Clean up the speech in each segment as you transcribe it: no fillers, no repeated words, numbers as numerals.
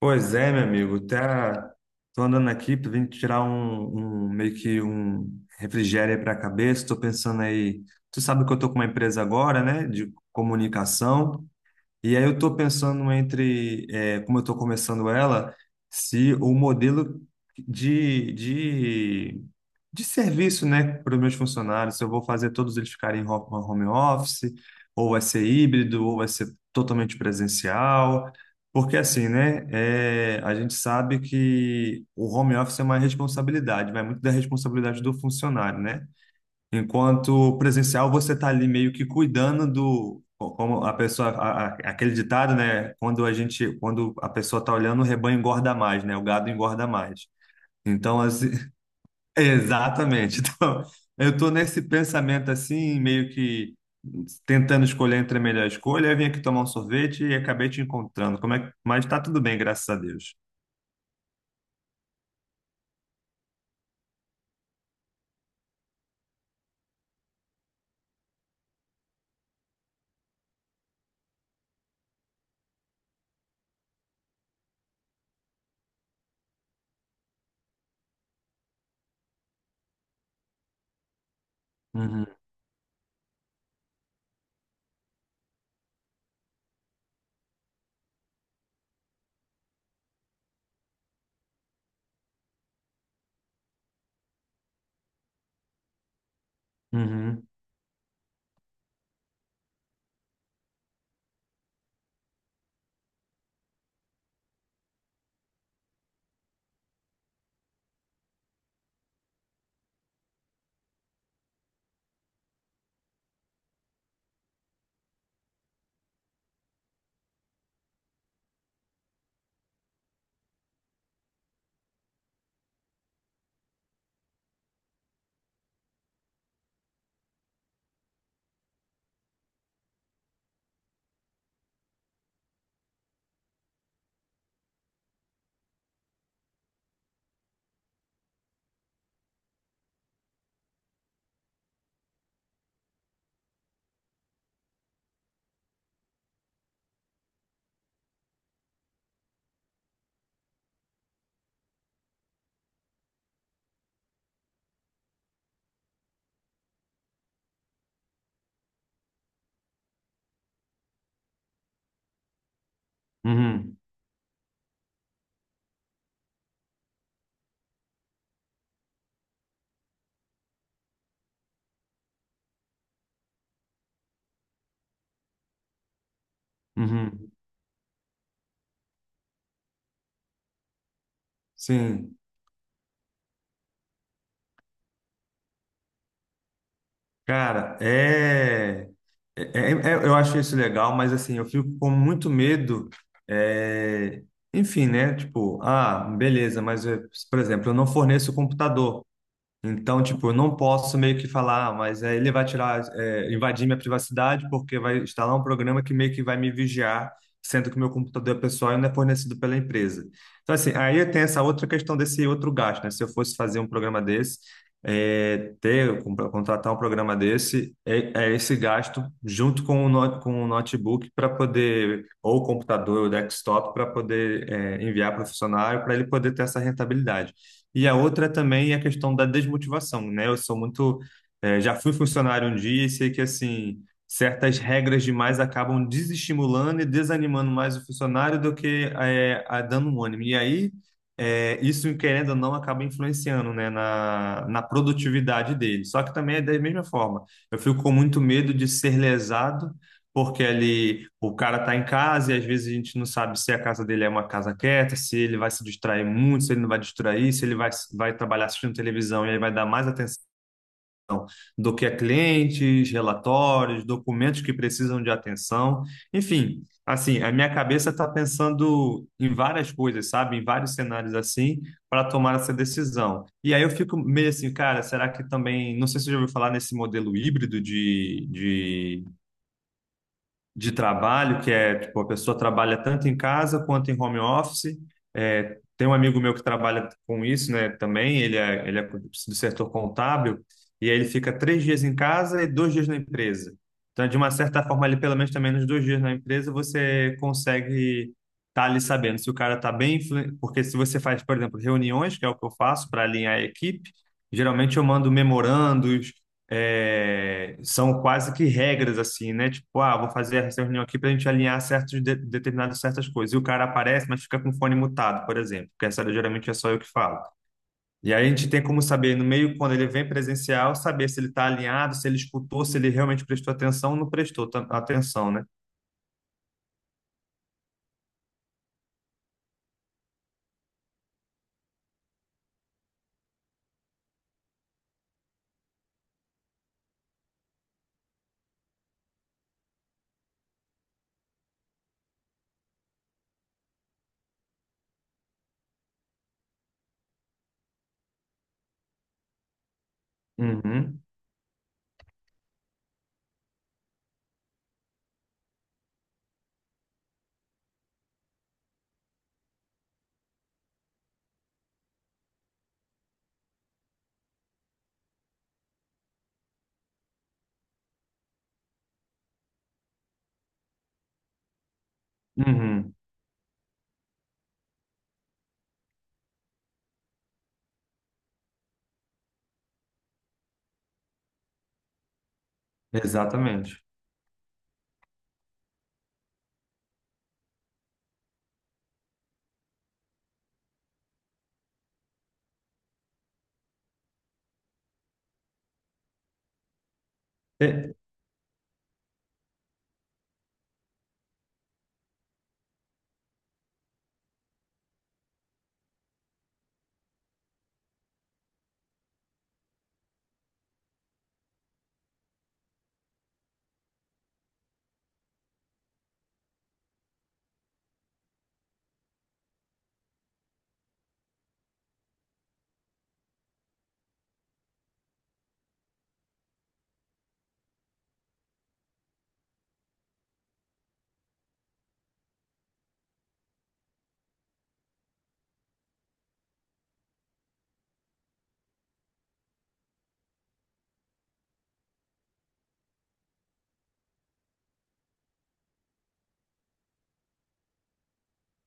Pois é, meu amigo, tá, tô andando aqui, tô vindo tirar meio que um refrigério para a cabeça, tô pensando aí, tu sabe que eu tô com uma empresa agora, né, de comunicação, e aí eu tô pensando entre, como eu tô começando ela, se o modelo de, de, de serviço, né, para os meus funcionários, se eu vou fazer todos eles ficarem em home office, ou vai ser híbrido, ou vai ser totalmente presencial, porque assim, né, a gente sabe que o home office é uma responsabilidade, vai muito da responsabilidade do funcionário, né? Enquanto presencial, você está ali meio que cuidando do, como a pessoa, aquele ditado, né? Quando a pessoa está olhando, o rebanho engorda mais, né? O gado engorda mais. Então, assim, exatamente. Então, eu estou nesse pensamento assim, meio que tentando escolher entre a melhor escolha. Eu vim aqui tomar um sorvete e acabei te encontrando. Como é que... Mas está tudo bem, graças a Deus. Uhum, uhum, uhum, uhum. Sim. Cara, é- eu acho isso legal, mas assim, eu fico com muito medo, é, enfim, né? Tipo, ah, beleza, por exemplo, eu não forneço o computador. Então, tipo, eu não posso meio que falar, "Ah, mas é, ele vai tirar, é, invadir minha privacidade porque vai instalar um programa que meio que vai me vigiar, sendo que meu computador é pessoal e não é fornecido pela empresa. Então, assim, aí tem essa outra questão desse outro gasto, né? Se eu fosse fazer um programa desse, contratar um programa desse, é esse gasto junto com o, com o notebook para poder, ou o computador, ou o desktop, para poder, enviar para o funcionário, para ele poder ter essa rentabilidade. E a outra também é a questão da desmotivação, né? Eu sou muito, já fui funcionário um dia e sei que assim certas regras demais acabam desestimulando e desanimando mais o funcionário do que a dando um ânimo. E aí isso querendo ou não acaba influenciando, né, na produtividade dele. Só que também é da mesma forma. Eu fico com muito medo de ser lesado porque ali o cara tá em casa e às vezes a gente não sabe se a casa dele é uma casa quieta, se ele vai se distrair muito, se ele não vai distrair, se ele vai, vai trabalhar assistindo televisão e aí vai dar mais atenção do que a clientes, relatórios, documentos que precisam de atenção. Enfim, assim, a minha cabeça está pensando em várias coisas, sabe? Em vários cenários assim, para tomar essa decisão. E aí eu fico meio assim, cara, será que também, não sei se você já ouviu falar nesse modelo híbrido de de trabalho, que é, tipo, a pessoa trabalha tanto em casa quanto em home office. É, tem um amigo meu que trabalha com isso, né, também, ele é do setor contábil, e aí ele fica três dias em casa e dois dias na empresa. Então, de uma certa forma, ali, pelo menos também nos dois dias na empresa, você consegue estar ali sabendo se o cara está bem, porque se você faz, por exemplo, reuniões, que é o que eu faço para alinhar a equipe, geralmente eu mando memorando são quase que regras assim, né? Tipo, ah, vou fazer essa reunião aqui para a gente alinhar determinadas certas coisas. E o cara aparece, mas fica com o fone mutado, por exemplo, porque essa geralmente é só eu que falo. E aí a gente tem como saber no meio quando ele vem presencial, saber se ele está alinhado, se ele escutou, se ele realmente prestou atenção ou não prestou atenção, né? Uhum, uhum, exatamente. É,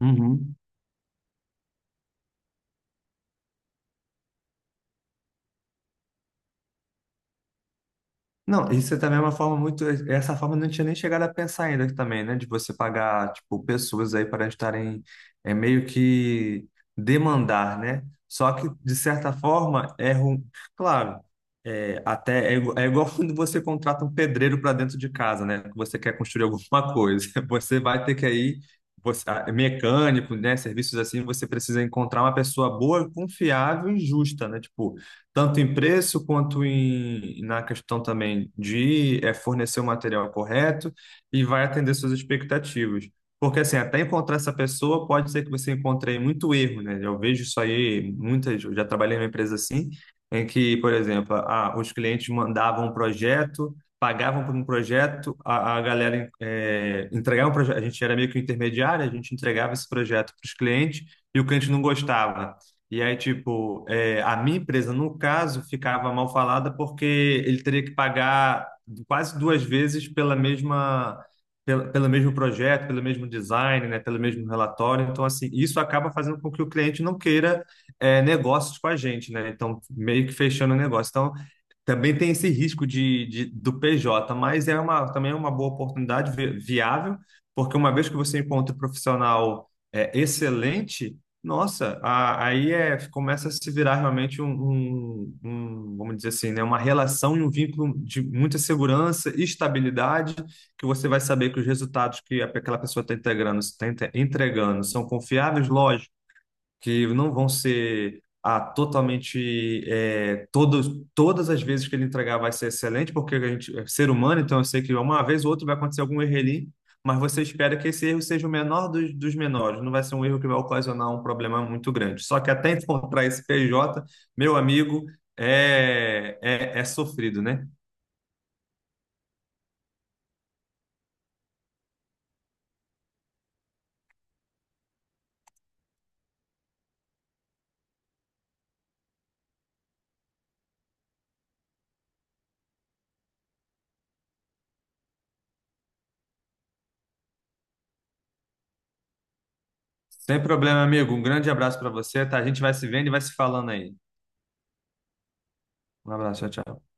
uhum. Não, isso também é uma forma muito. Essa forma eu não tinha nem chegado a pensar ainda também, né? De você pagar, tipo, pessoas aí para estarem meio que demandar, né? Só que, de certa forma, é ruim. Claro, é igual quando você contrata um pedreiro para dentro de casa, né? Que você quer construir alguma coisa. Você vai ter que aí, você, ah, é mecânico, né? Serviços assim, você precisa encontrar uma pessoa boa, confiável e justa, né? Tipo, tanto em preço quanto em, na questão também de fornecer o material correto e vai atender suas expectativas. Porque assim, até encontrar essa pessoa, pode ser que você encontre aí muito erro, né? Eu vejo isso aí, muitas, eu já trabalhei numa empresa assim, em que, por exemplo, ah, os clientes mandavam um projeto, pagavam por um projeto, a galera entregava um projeto, a gente era meio que um intermediário, a gente entregava esse projeto para os clientes e o cliente não gostava. E aí, tipo, é, a minha empresa, no caso, ficava mal falada porque ele teria que pagar quase duas vezes pela mesma, pelo mesmo projeto, pelo mesmo design, né, pelo mesmo relatório. Então, assim, isso acaba fazendo com que o cliente não queira negócios com a gente, né? Então, meio que fechando o negócio. Então, também tem esse risco do PJ, mas é uma, também é uma boa oportunidade viável, porque uma vez que você encontra um profissional excelente, nossa, começa a se virar realmente um, vamos dizer assim, né, uma relação e um vínculo de muita segurança e estabilidade, que você vai saber que os resultados que aquela pessoa está integrando, está entregando são confiáveis, que não vão ser todas as vezes que ele entregar vai ser excelente, porque a gente é ser humano, então eu sei que uma vez ou outra vai acontecer algum erro ali, mas você espera que esse erro seja o menor dos menores, não vai ser um erro que vai ocasionar um problema muito grande. Só que até encontrar esse PJ, meu amigo, é sofrido, né? Sem problema, amigo. Um grande abraço para você, tá? A gente vai se vendo e vai se falando aí. Um abraço, tchau, tchau.